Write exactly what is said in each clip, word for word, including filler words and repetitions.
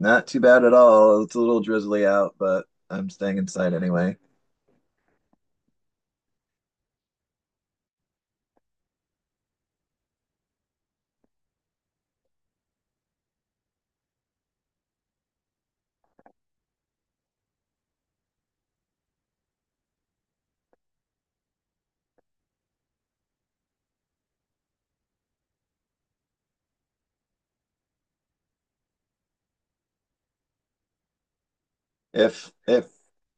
Not too bad at all. It's a little drizzly out, but I'm staying inside anyway. If if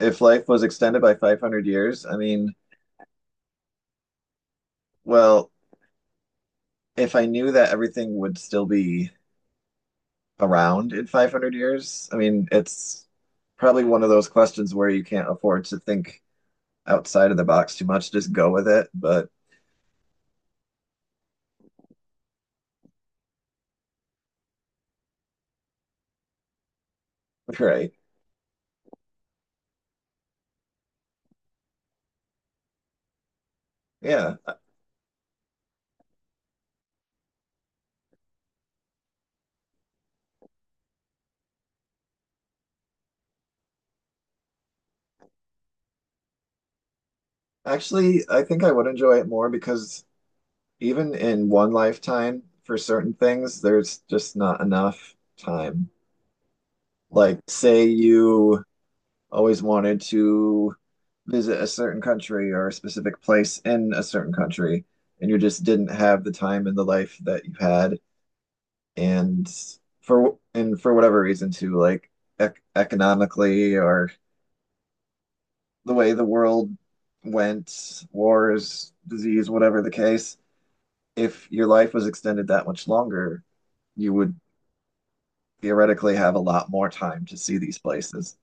if life was extended by five hundred years, I mean, well, if I knew that everything would still be around in five hundred years, I mean, it's probably one of those questions where you can't afford to think outside of the box too much. Just go with it. But right. Yeah. Actually, I think I would enjoy it more because even in one lifetime, for certain things, there's just not enough time. Like, say you always wanted to visit a certain country or a specific place in a certain country, and you just didn't have the time in the life that you had, and for and for whatever reason too, like ec economically, or the way the world went, wars, disease, whatever the case, if your life was extended that much longer, you would theoretically have a lot more time to see these places.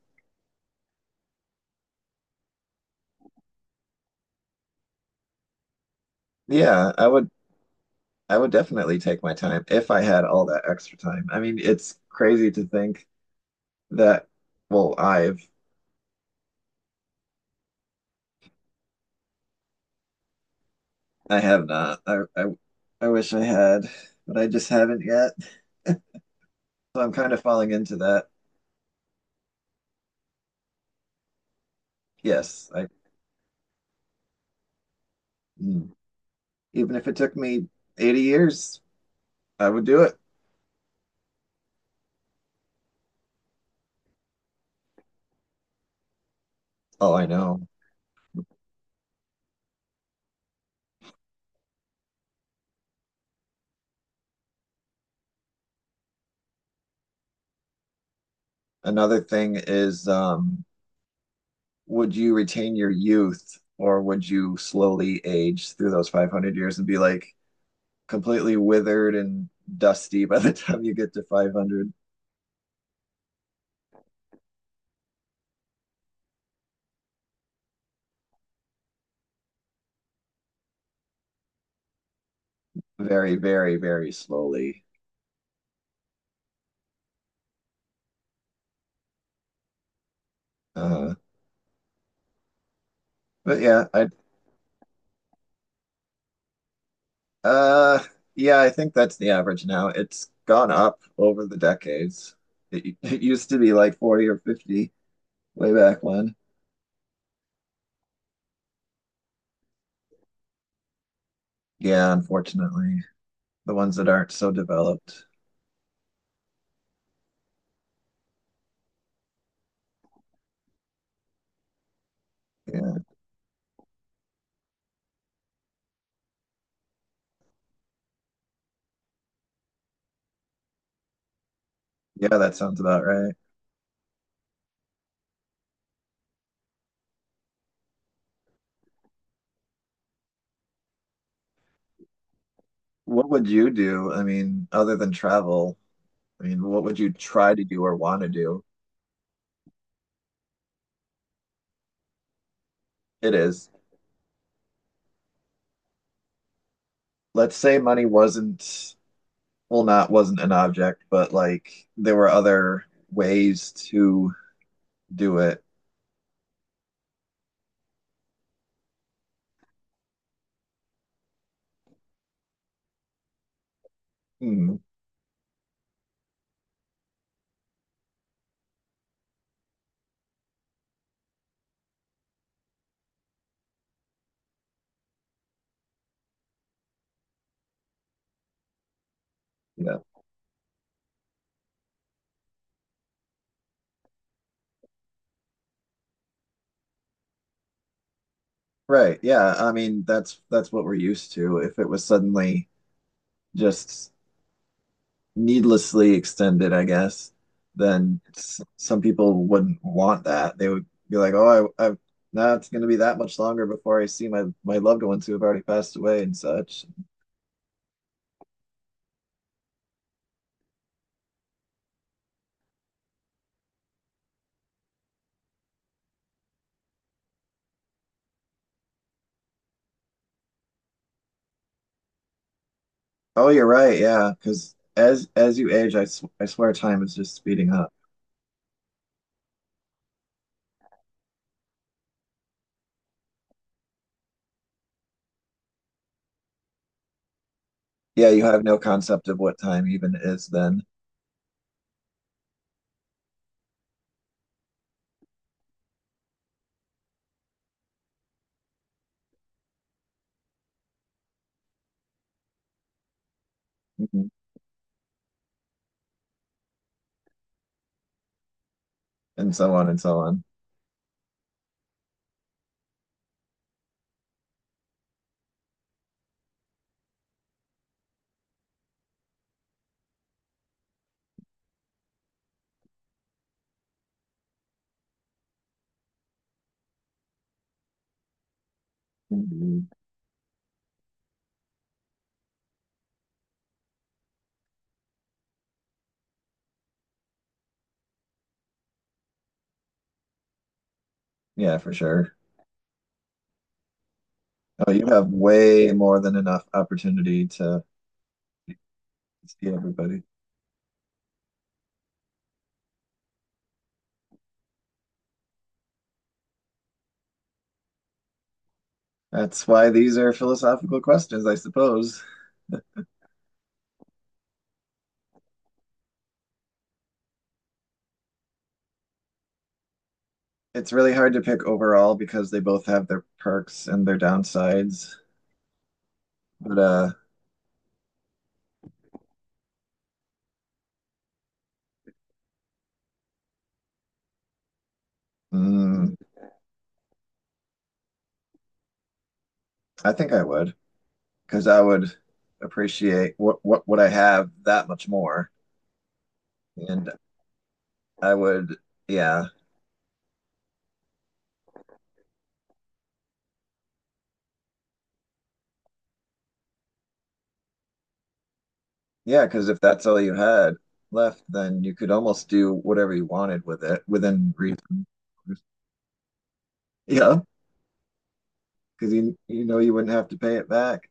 Yeah, I would I would definitely take my time if I had all that extra time. I mean, it's crazy to think that, well, I've I have not. I I, I wish I had, but I just haven't yet. So I'm kind of falling into that. Yes, I mm. even if it took me eighty years, I would do it. Oh, I know. Another thing is, um, would you retain your youth or would you slowly age through those five hundred years and be like, completely withered and dusty by the time you get to five hundred? Very, very, very slowly. uh but yeah, i uh yeah i think that's the average now. It's gone up over the decades. It, it used to be like forty or fifty way back when. Yeah, unfortunately, the ones that aren't so developed. Yeah. Yeah, that sounds about right. What would you do? I mean, other than travel? I mean, what would you try to do or want to do? It is. Let's say money wasn't, well, not wasn't an object, but like there were other ways to do it. Hmm. Yeah. Right. Yeah. I mean, that's that's what we're used to. If it was suddenly just needlessly extended, I guess, then s- some people wouldn't want that. They would be like, "Oh, I, I now it's going to be that much longer before I see my my loved ones who have already passed away and such." Oh, you're right. Yeah, because as as you age, I sw I swear time is just speeding up. Yeah, you have no concept of what time even is then. Mhm. And so on and so on. Mhm. Yeah, for sure. Oh, you have way more than enough opportunity to see everybody. That's why these are philosophical questions, I suppose. It's really hard to pick overall because they both have their perks and their downsides. But uh, mm, I think I would because I would appreciate what what what I have that much more, and I would, yeah. Yeah, because if that's all you had left, then you could almost do whatever you wanted with it within reason. Yeah, because you you know you wouldn't have to pay it back.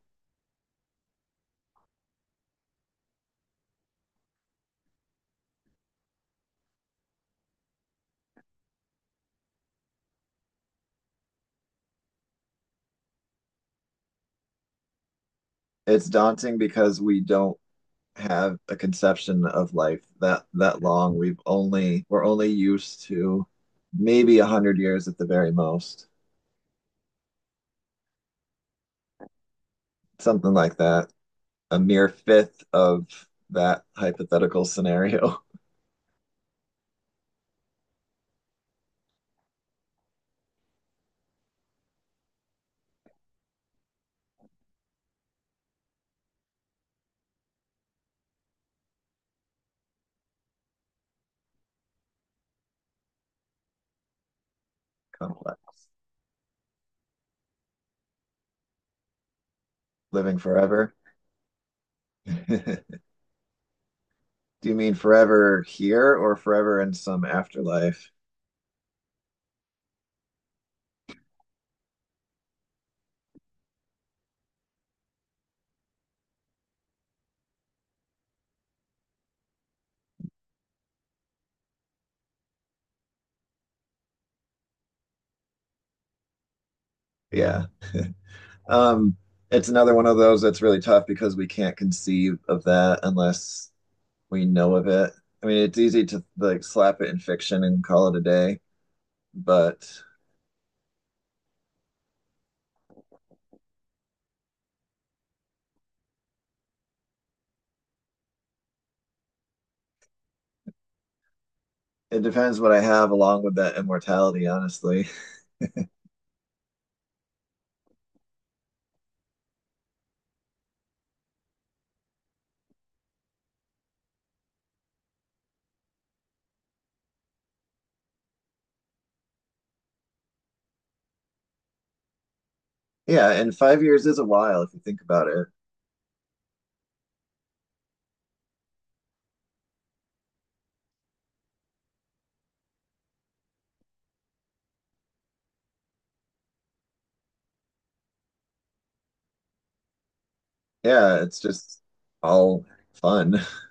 It's daunting because we don't have a conception of life that that long. We've only we're only used to maybe a hundred years at the very most, something like that. A mere fifth of that hypothetical scenario. Complex, living forever. Do you mean forever here or forever in some afterlife? Yeah. Um, it's another one of those that's really tough because we can't conceive of that unless we know of it. I mean, it's easy to like slap it in fiction and call it a day, but it depends what I have along with that immortality, honestly. Yeah, and five years is a while if you think about it. Yeah, it's just all fun.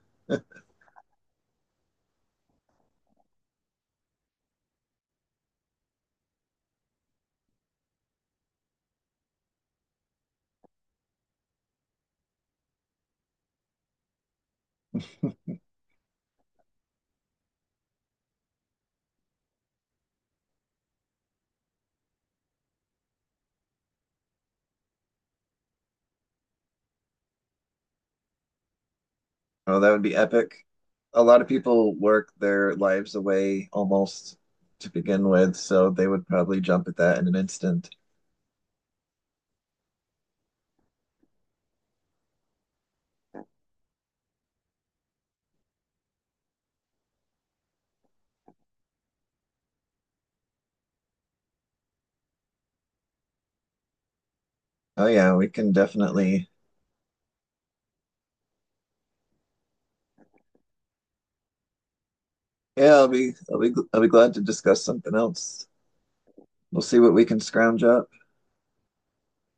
Oh, that would be epic. A lot of people work their lives away almost to begin with, so they would probably jump at that in an instant. Oh yeah, we can definitely. Yeah, I'll be, I'll be, I'll be glad to discuss something else. We'll see what we can scrounge up.